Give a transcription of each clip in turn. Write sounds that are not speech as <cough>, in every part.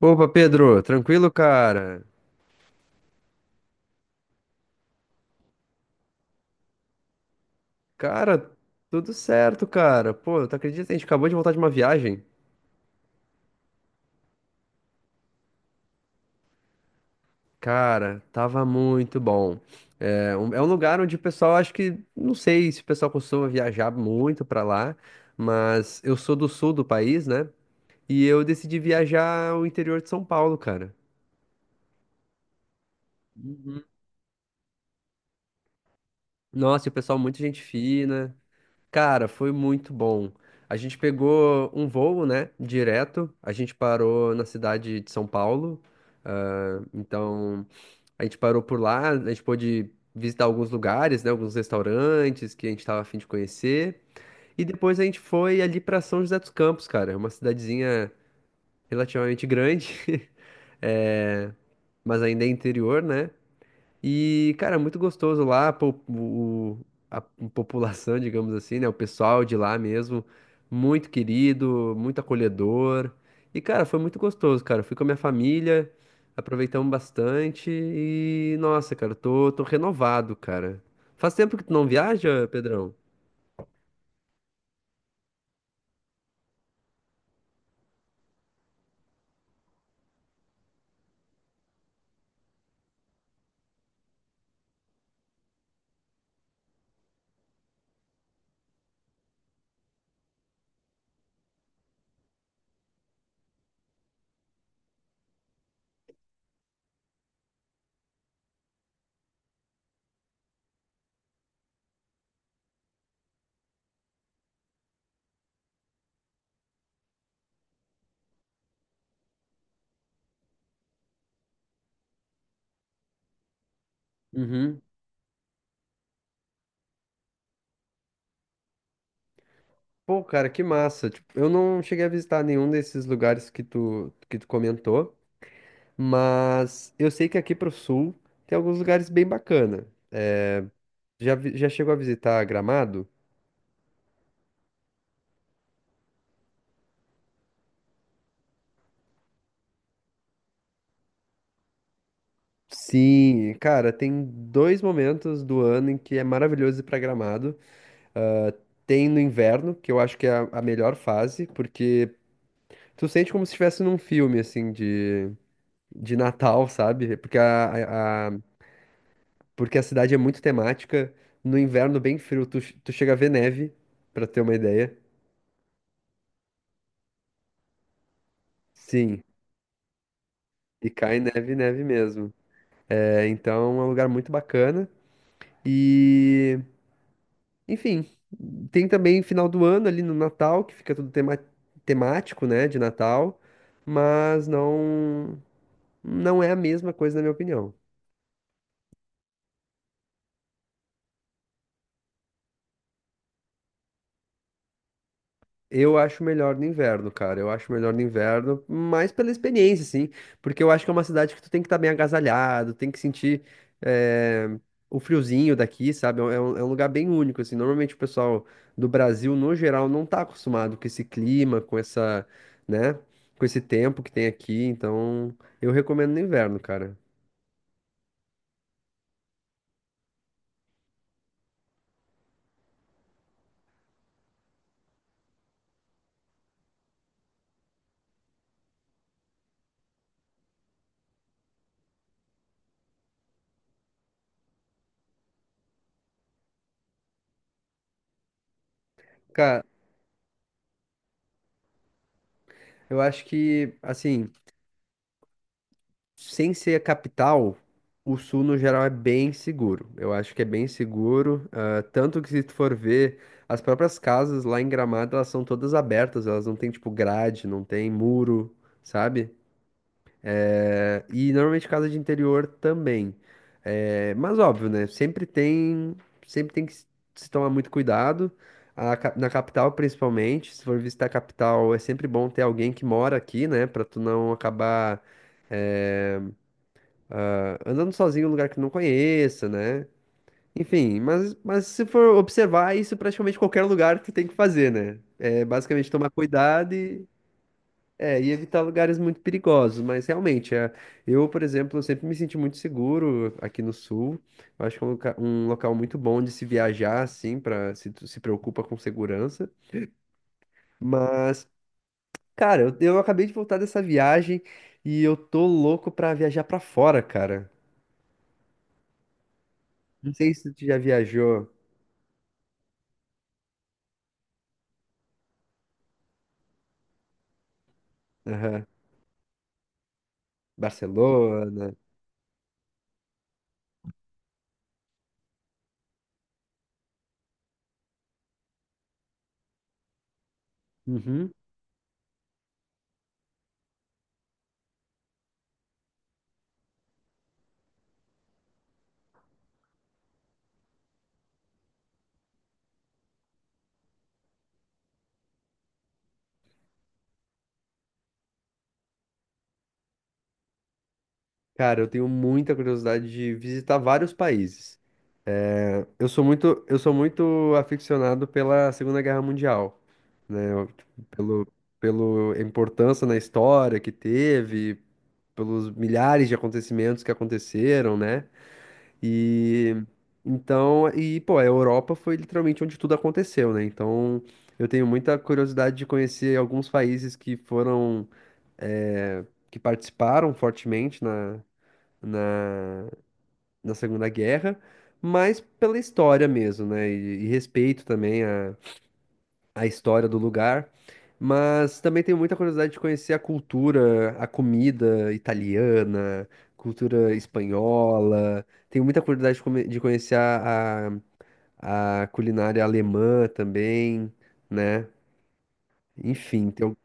Opa, Pedro, tranquilo, cara? Cara, tudo certo, cara. Pô, tu acredita? A gente acabou de voltar de uma viagem. Cara, tava muito bom. É um lugar onde o pessoal, acho que, não sei se o pessoal costuma viajar muito pra lá, mas eu sou do sul do país, né? E eu decidi viajar ao interior de São Paulo, cara. Nossa, e o pessoal, muita gente fina. Cara, foi muito bom. A gente pegou um voo, né, direto. A gente parou na cidade de São Paulo. Então, a gente parou por lá. A gente pôde visitar alguns lugares, né, alguns restaurantes que a gente estava a fim de conhecer. E depois a gente foi ali para São José dos Campos, cara. É uma cidadezinha relativamente grande, <laughs> é, mas ainda é interior, né? E, cara, é muito gostoso lá, o, a população, <laughs> digamos assim, né? O pessoal de lá mesmo, muito querido, muito acolhedor. E, cara, foi muito gostoso, cara. Fui com a minha família, aproveitamos bastante e, nossa, cara, tô renovado, cara. Faz tempo que tu não viaja, Pedrão? Uhum. Pô, cara, que massa. Tipo, eu não cheguei a visitar nenhum desses lugares que tu comentou, mas eu sei que aqui pro sul tem alguns lugares bem bacana. Já, já chegou a visitar Gramado? Sim, cara, tem dois momentos do ano em que é maravilhoso ir pra Gramado. Ah, tem no inverno, que eu acho que é a melhor fase, porque tu sente como se estivesse num filme, assim, de Natal, sabe? Porque a cidade é muito temática. No inverno, bem frio, tu chega a ver neve, pra ter uma ideia. Sim, e cai neve, neve mesmo. É, então é um lugar muito bacana. E. Enfim, tem também final do ano ali no Natal, que fica tudo temático, né, de Natal, mas não é a mesma coisa na minha opinião. Eu acho melhor no inverno, cara. Eu acho melhor no inverno, mais pela experiência, sim. Porque eu acho que é uma cidade que tu tem que estar bem agasalhado, tem que sentir eh, o friozinho daqui, sabe? É um lugar bem único, assim. Normalmente o pessoal do Brasil, no geral, não tá acostumado com esse clima, com essa, né? Com esse tempo que tem aqui. Então, eu recomendo no inverno, cara. Cara, eu acho que, assim. Sem ser a capital, o sul no geral é bem seguro. Eu acho que é bem seguro, ah, tanto que se tu for ver, as próprias casas lá em Gramado, elas são todas abertas, elas não têm tipo grade, não tem muro, sabe? Eh, e normalmente casa de interior também. Eh, mas óbvio, né? Sempre tem que se tomar muito cuidado. Na capital, principalmente, se for visitar a capital, é sempre bom ter alguém que mora aqui, né? Pra tu não acabar é, andando sozinho em um lugar que não conheça, né? Enfim, mas se for observar, isso é praticamente qualquer lugar tu tem que fazer, né? É basicamente tomar cuidado e, e evitar lugares muito perigosos. Mas realmente, eu, por exemplo, eu sempre me senti muito seguro aqui no sul. Eu acho que é um, um local muito bom de se viajar, assim, para se tu se preocupa com segurança. Mas, cara, eu acabei de voltar dessa viagem e eu tô louco pra viajar pra fora, cara. Não sei se tu já viajou. Aham. Barcelona. Uhum. Cara, eu tenho muita curiosidade de visitar vários países. É, eu sou muito, eu sou muito aficionado pela Segunda Guerra Mundial, né? Eu, tipo, pelo, pelo a importância na história que teve, pelos milhares de acontecimentos que aconteceram, né? E então, e pô, a Europa foi literalmente onde tudo aconteceu, né? Então, eu tenho muita curiosidade de conhecer alguns países que foram que participaram fortemente na, na Segunda Guerra, mas pela história mesmo, né? E respeito também a história do lugar. Mas também tenho muita curiosidade de conhecer a cultura, a comida italiana, cultura espanhola. Tenho muita curiosidade de, de conhecer a culinária alemã também, né? Enfim, tem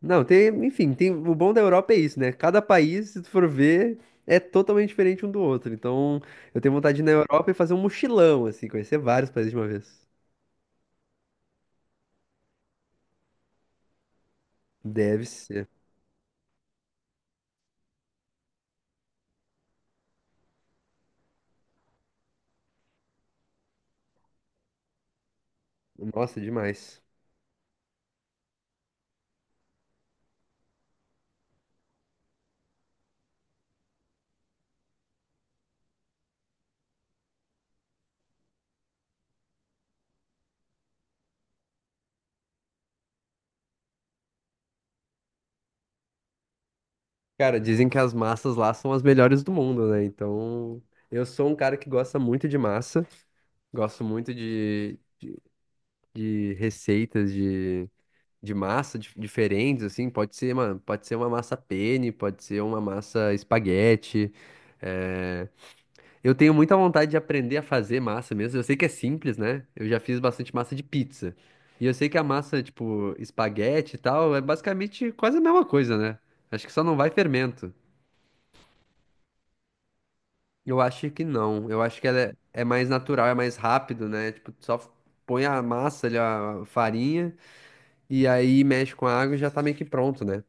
não, tem, enfim, tem, o bom da Europa é isso, né? Cada país, se tu for ver, é totalmente diferente um do outro. Então, eu tenho vontade de ir na Europa e fazer um mochilão, assim, conhecer vários países de uma vez. Deve ser. Nossa, é demais. Cara, dizem que as massas lá são as melhores do mundo, né? Então, eu sou um cara que gosta muito de massa, gosto muito de receitas de massa diferentes, assim. Pode ser uma massa penne, pode ser uma massa espaguete. eh, Eu tenho muita vontade de aprender a fazer massa mesmo. Eu sei que é simples, né? Eu já fiz bastante massa de pizza. E eu sei que a massa, tipo, espaguete e tal, é basicamente quase a mesma coisa, né? Acho que só não vai fermento. Eu acho que não. Eu acho que ela é, é mais natural, é mais rápido, né? Tipo, tu só põe a massa ali, a farinha, e aí mexe com a água e já tá meio que pronto, né?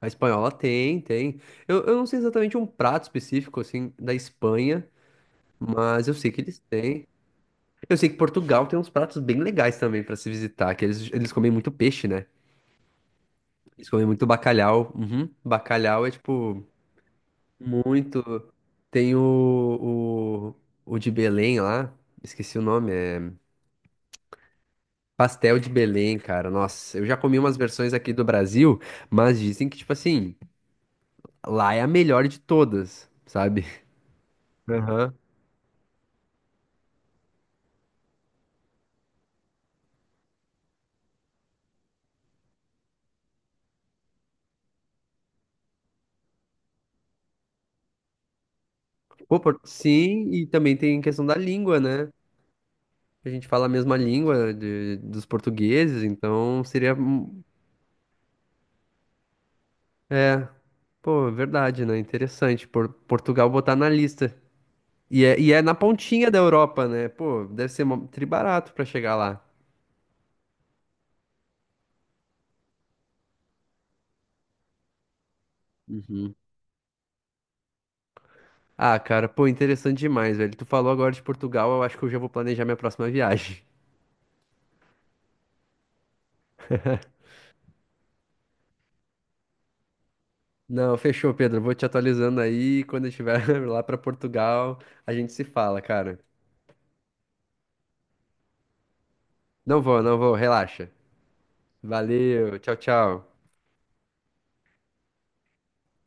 A espanhola tem, tem. Eu não sei exatamente um prato específico, assim, da Espanha, mas eu sei que eles têm. Eu sei que Portugal tem uns pratos bem legais também pra se visitar, que eles comem muito peixe, né? Eles comem muito bacalhau. Uhum. Bacalhau é tipo muito. Tem o de Belém lá, esqueci o nome, é pastel de Belém, cara. Nossa, eu já comi umas versões aqui do Brasil, mas dizem que tipo assim, lá é a melhor de todas, sabe? Aham. Pô, por- sim, e também tem questão da língua, né? A gente fala a mesma língua dos portugueses, então seria é, pô, é verdade, né? Interessante. Por, Portugal botar na lista. E é na pontinha da Europa, né? Pô, deve ser mó- tri barato pra chegar lá. Uhum. Ah, cara, pô, interessante demais, velho. Tu falou agora de Portugal, eu acho que eu já vou planejar minha próxima viagem. <laughs> Não, fechou, Pedro. Vou te atualizando aí. Quando eu estiver <laughs> lá pra Portugal, a gente se fala, cara. Não vou, não vou, relaxa. Valeu, tchau, tchau.